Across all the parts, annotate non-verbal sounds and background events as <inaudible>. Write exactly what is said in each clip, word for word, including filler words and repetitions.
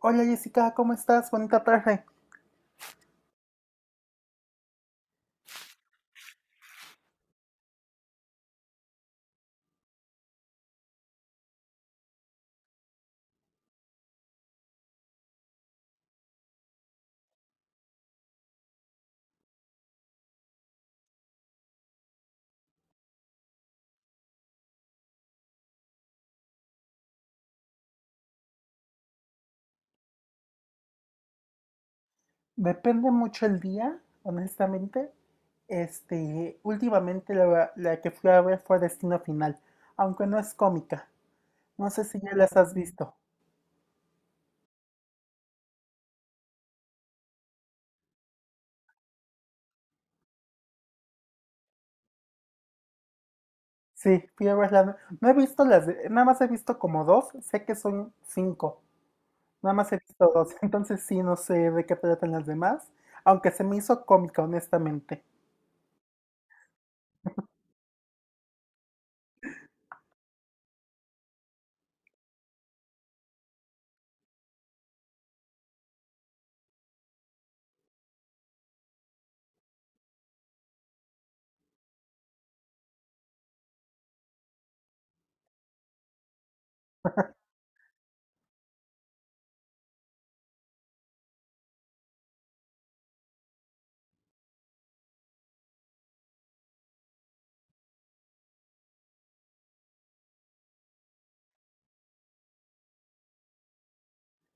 Hola Jessica, ¿cómo estás? Bonita tarde. Depende mucho el día, honestamente. Este, últimamente la, la que fui a ver fue Destino Final, aunque no es cómica. No sé si ya las has visto. Sí, fui a verla. No no he visto las, de- nada más he visto como dos, sé que son cinco, nada más he visto dos, <laughs> entonces sí, no sé de qué tratan las demás, aunque se me hizo cómica, honestamente.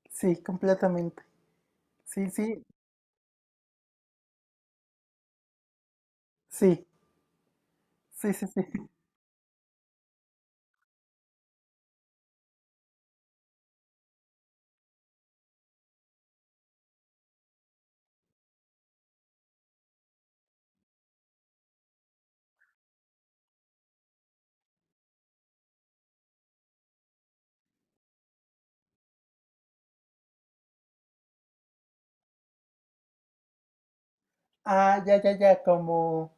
Sí, completamente. Sí, sí, sí, sí, sí, sí. <laughs> Ah, ya, ya, ya, como...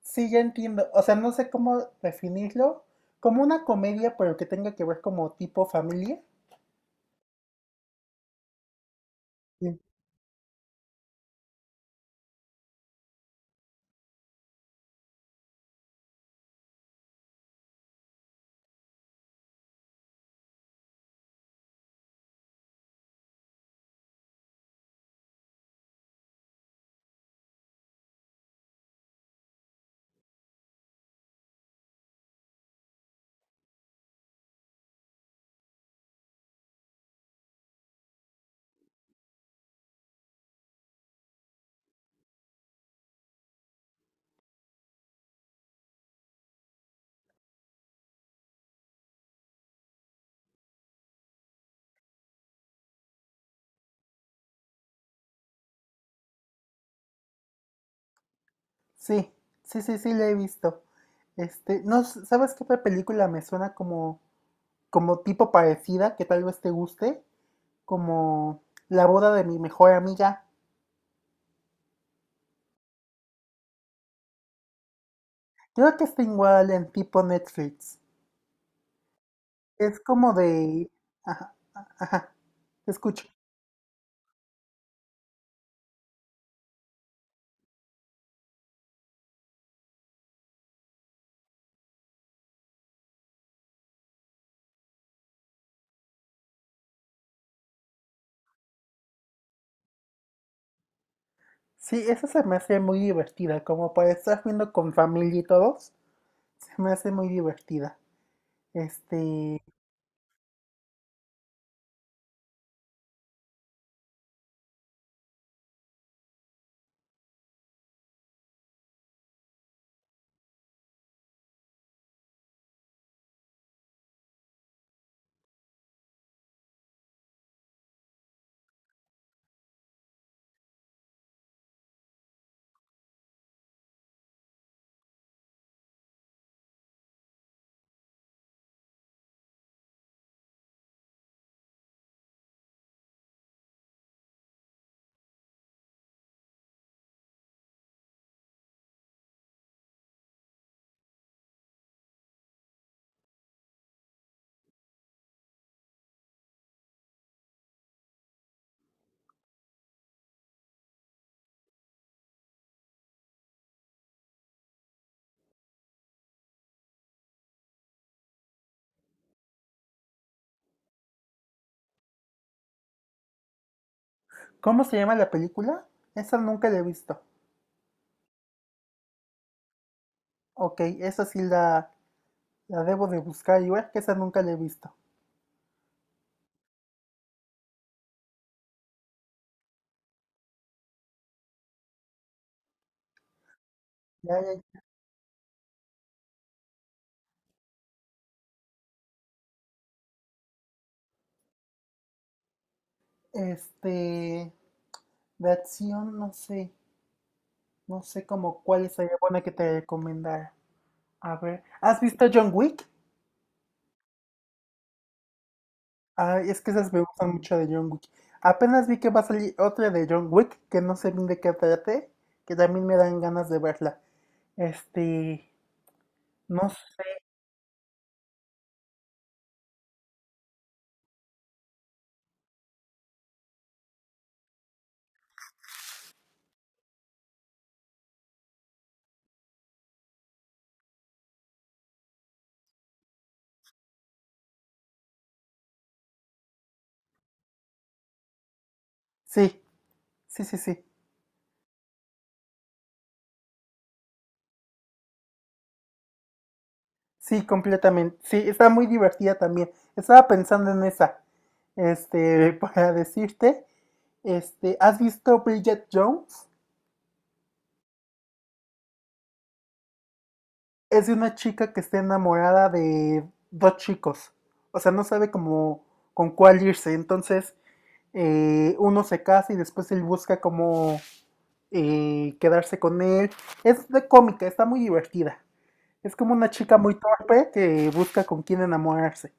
Sí, ya entiendo. O sea, no sé cómo definirlo. Como una comedia, pero que tenga que ver como tipo familia. Sí. Sí, sí, sí, sí, la he visto. Este, no, s- ¿sabes qué otra película me suena como, como tipo parecida, que tal vez te guste? Como La boda de mi mejor amiga. Creo que está igual en tipo Netflix. Es como de... Ajá, ajá, te escucho. Sí, esa se me hace muy divertida, como para estar viendo con familia y todos, se me hace muy divertida. Este, ¿cómo se llama la película? Esa nunca la he visto. Ok, esa sí la, la debo de buscar y ver que esa nunca la he visto. Ya, ya. Este, de acción, no sé, no sé como cuál sería buena que te recomendara. A ver, ¿has visto John Wick? Ah, es que esas me gustan mucho de John Wick. Apenas vi que va a salir otra de John Wick, que no sé bien de qué trate, que también me dan ganas de verla. Este, no sé. Sí, sí, sí, sí. Sí, completamente. Sí, está muy divertida también. Estaba pensando en esa. Este, <laughs> para decirte, este, ¿has visto Bridget Jones? Es de una chica que está enamorada de dos chicos. O sea, no sabe cómo con cuál irse. Entonces, eh, uno se casa y después él busca cómo eh, quedarse con él. Es de cómica, está muy divertida. Es como una chica muy torpe que busca con quién enamorarse.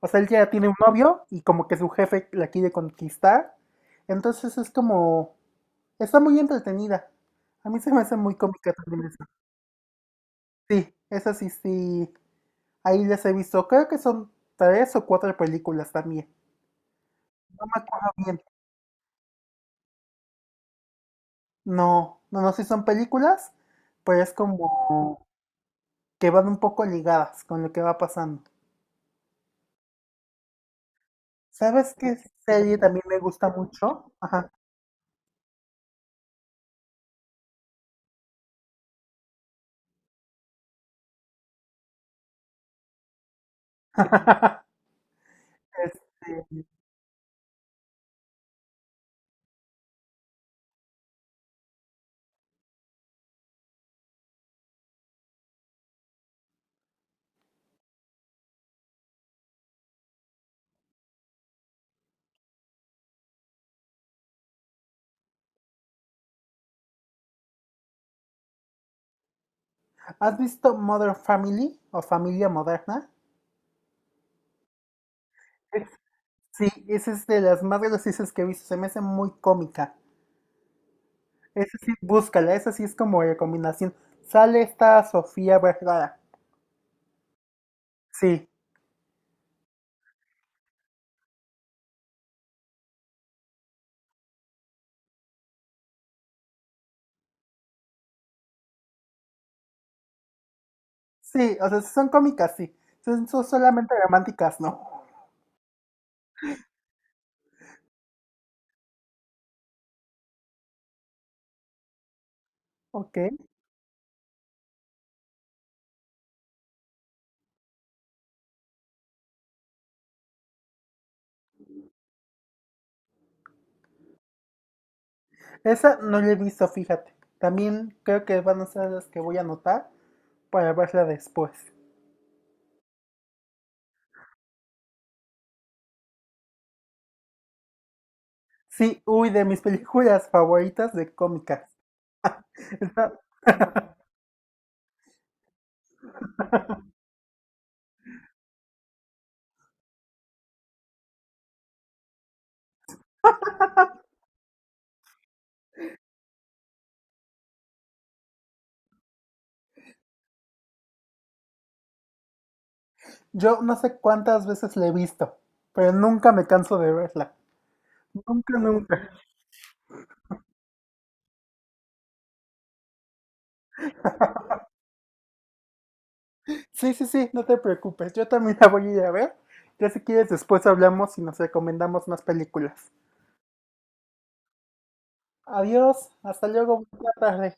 O sea, él ya tiene un novio y como que su jefe la quiere conquistar. Entonces es como, está muy entretenida. A mí se me hace muy cómica también eso. Sí, esa sí, sí. Ahí les he visto, creo que son tres o cuatro películas también. No me acuerdo bien. No, no, no, sí son películas, pero es como que van un poco ligadas con lo que va pasando. ¿Sabes qué serie también me gusta mucho? Ajá. <laughs> Este, ¿has visto Modern Family o Familia Moderna? Es- sí, esa es de las más graciosas que he visto. Se me hace muy cómica. Esa sí, búscala. Esa sí es como recomendación. Sale esta Sofía Vergara. Sí, sí, o sea, son cómicas, sí. Son, son solamente románticas, ¿no? Ok. Esa no la he visto, fíjate. También creo que van a ser las que voy a anotar para verla después. Sí, uy, de mis <laughs> películas favoritas de cómicas. Está. Yo no sé cuántas veces la he visto, pero nunca me canso de verla. Nunca, nunca. Sí, sí, sí, no te preocupes. Yo también la voy a ir a ver. Ya si quieres, después hablamos y nos recomendamos más películas. Adiós, hasta luego, buena tarde.